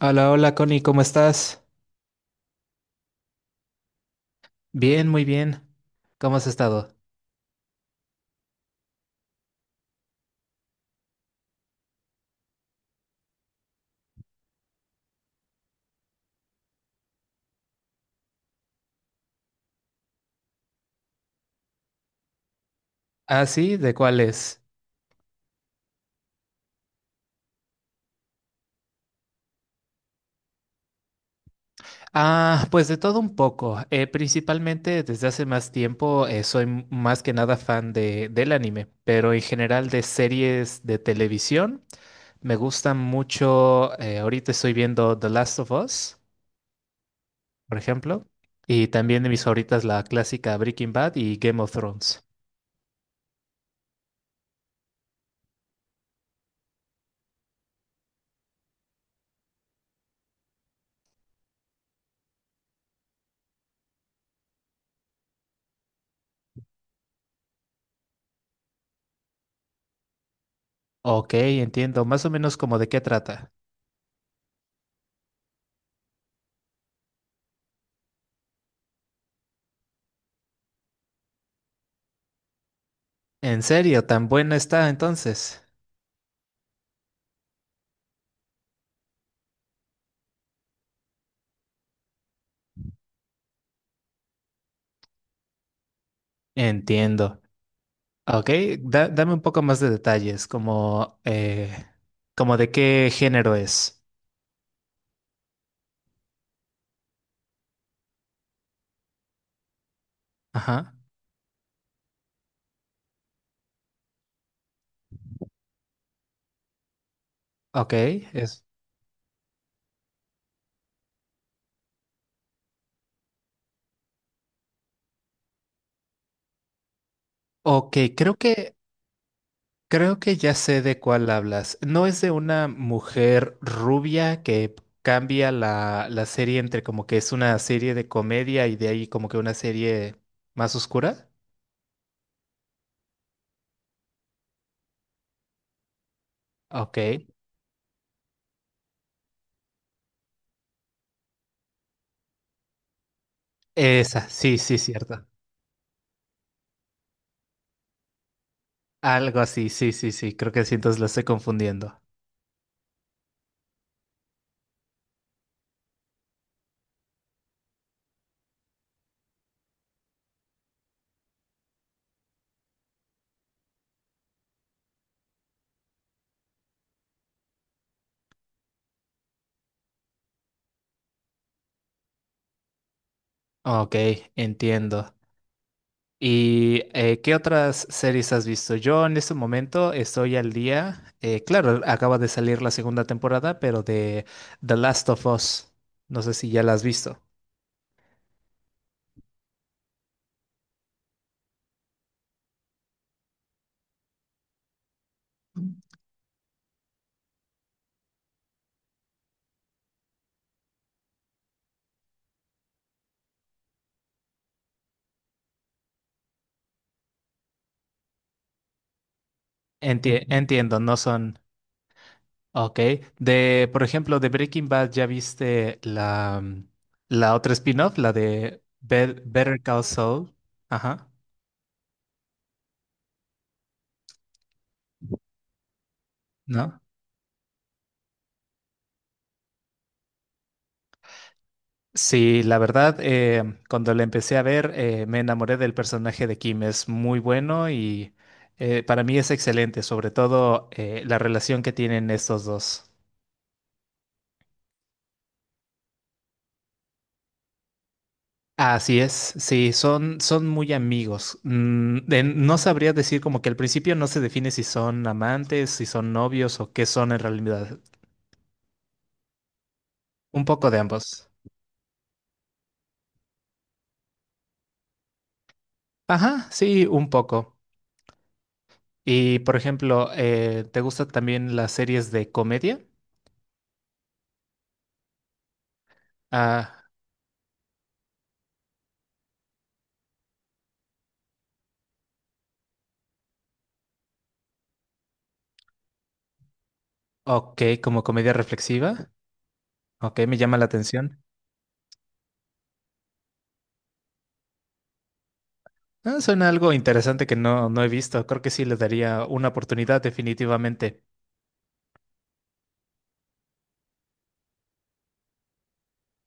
Hola, hola Connie, ¿cómo estás? Bien, muy bien. ¿Cómo has estado? Ah, sí, ¿de cuáles? Ah, pues de todo un poco. Principalmente desde hace más tiempo soy más que nada fan del anime, pero en general de series de televisión. Me gustan mucho, ahorita estoy viendo The Last of Us, por ejemplo, y también de mis favoritas la clásica Breaking Bad y Game of Thrones. Ok, entiendo, más o menos como de qué trata. ¿En serio? ¿Tan buena está entonces? Entiendo. Ah, ok, dame un poco más de detalles, como, como de qué género es. Ajá. Ok, es. Ok, creo que ya sé de cuál hablas. ¿No es de una mujer rubia que cambia la serie entre como que es una serie de comedia y de ahí como que una serie más oscura? Ok. Esa, sí, sí, cierto. Algo así, sí, sí, sí. Creo que sí, entonces la estoy confundiendo. Ok, entiendo. ¿Y qué otras series has visto? Yo en este momento estoy al día. Claro, acaba de salir la segunda temporada, pero de The Last of Us. No sé si ya la has visto. Ujú, entiendo, no son... Ok. De, por ejemplo, de Breaking Bad, ¿ya viste la otra spin-off, la de Better Call Saul? Ajá. ¿No? Sí, la verdad, cuando la empecé a ver, me enamoré del personaje de Kim. Es muy bueno y para mí es excelente, sobre todo la relación que tienen estos dos. Así es, sí, son muy amigos. No sabría decir, como que al principio no se define si son amantes, si son novios o qué son en realidad. Un poco de ambos. Ajá, sí, un poco. Y por ejemplo, ¿te gustan también las series de comedia? Ah. Ok, como comedia reflexiva. Ok, me llama la atención. Ah, suena algo interesante que no he visto. Creo que sí le daría una oportunidad definitivamente.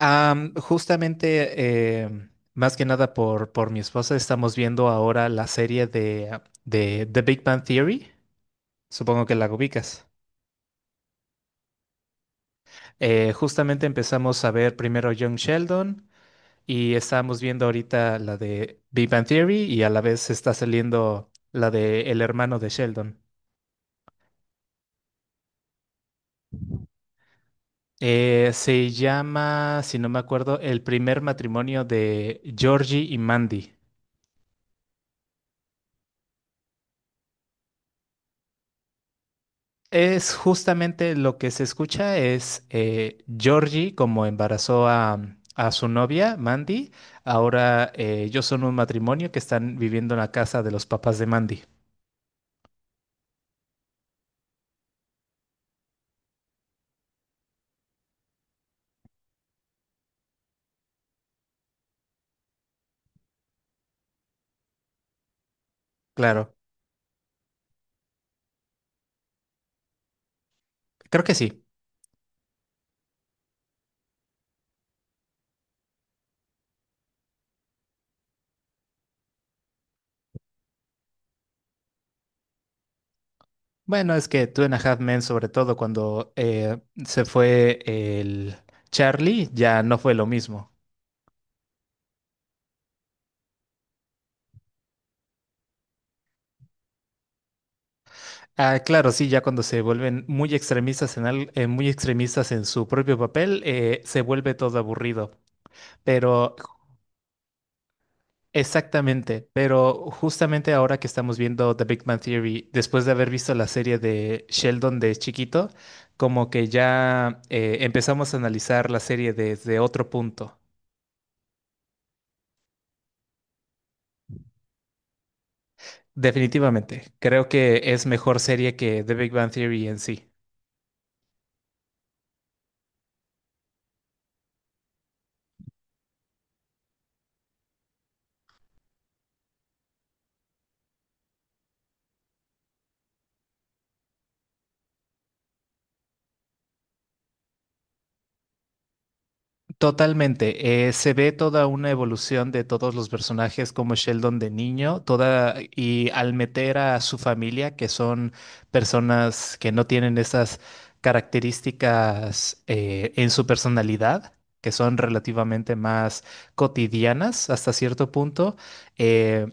Justamente, más que nada por mi esposa, estamos viendo ahora la serie de The Big Bang Theory. Supongo que la ubicas. Justamente empezamos a ver primero Young Sheldon y estábamos viendo ahorita la de Big Bang Theory, y a la vez está saliendo la de El hermano de Sheldon. Se llama, si no me acuerdo, El primer matrimonio de Georgie y Mandy. Es justamente lo que se escucha es Georgie como embarazó a su novia, Mandy. Ahora ellos son un matrimonio que están viviendo en la casa de los papás de Mandy. Claro, creo que sí. Bueno, es que Two and a Half Men, sobre todo cuando se fue el Charlie, ya no fue lo mismo. Ah, claro, sí, ya cuando se vuelven muy extremistas en muy extremistas en su propio papel, se vuelve todo aburrido. Pero exactamente, pero justamente ahora que estamos viendo The Big Bang Theory, después de haber visto la serie de Sheldon de chiquito, como que ya empezamos a analizar la serie desde otro punto. Definitivamente, creo que es mejor serie que The Big Bang Theory en sí. Totalmente. Se ve toda una evolución de todos los personajes, como Sheldon de niño, toda y al meter a su familia, que son personas que no tienen esas características en su personalidad, que son relativamente más cotidianas hasta cierto punto, eh,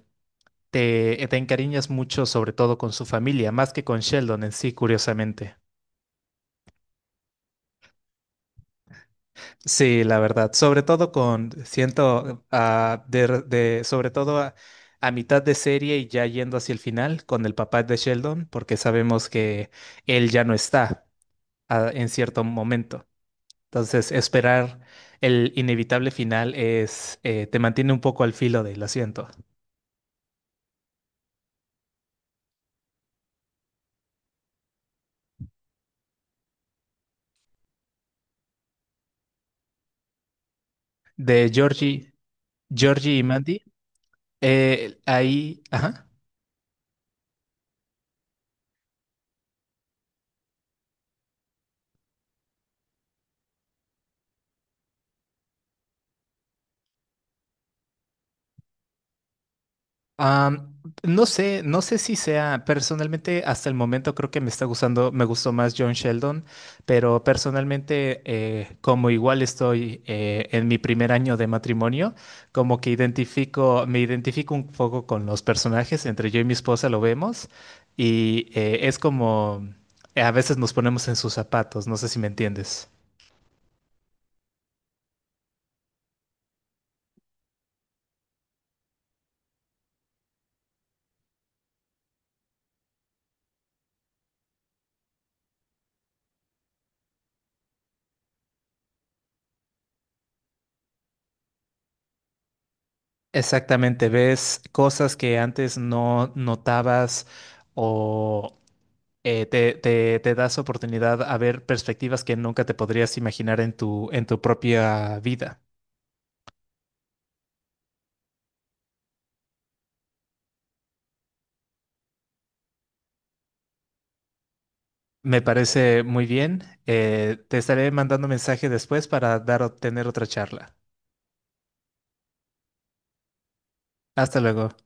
te encariñas mucho sobre todo con su familia, más que con Sheldon en sí, curiosamente. Sí, la verdad, sobre todo con, siento, ah, sobre todo a mitad de serie y ya yendo hacia el final con el papá de Sheldon, porque sabemos que él ya no está, ah, en cierto momento. Entonces, esperar el inevitable final es, te mantiene un poco al filo del asiento. De Georgie, Georgie y Mandy, ahí, ajá. Am, no sé, no sé si sea, personalmente hasta el momento creo que me está gustando, me gustó más John Sheldon, pero personalmente como igual estoy en mi primer año de matrimonio, como que identifico, me identifico un poco con los personajes, entre yo y mi esposa lo vemos y es como, a veces nos ponemos en sus zapatos, no sé si me entiendes. Exactamente, ves cosas que antes no notabas o, te das oportunidad a ver perspectivas que nunca te podrías imaginar en tu propia vida. Me parece muy bien. Te estaré mandando mensaje después para dar, tener otra charla. Hasta luego.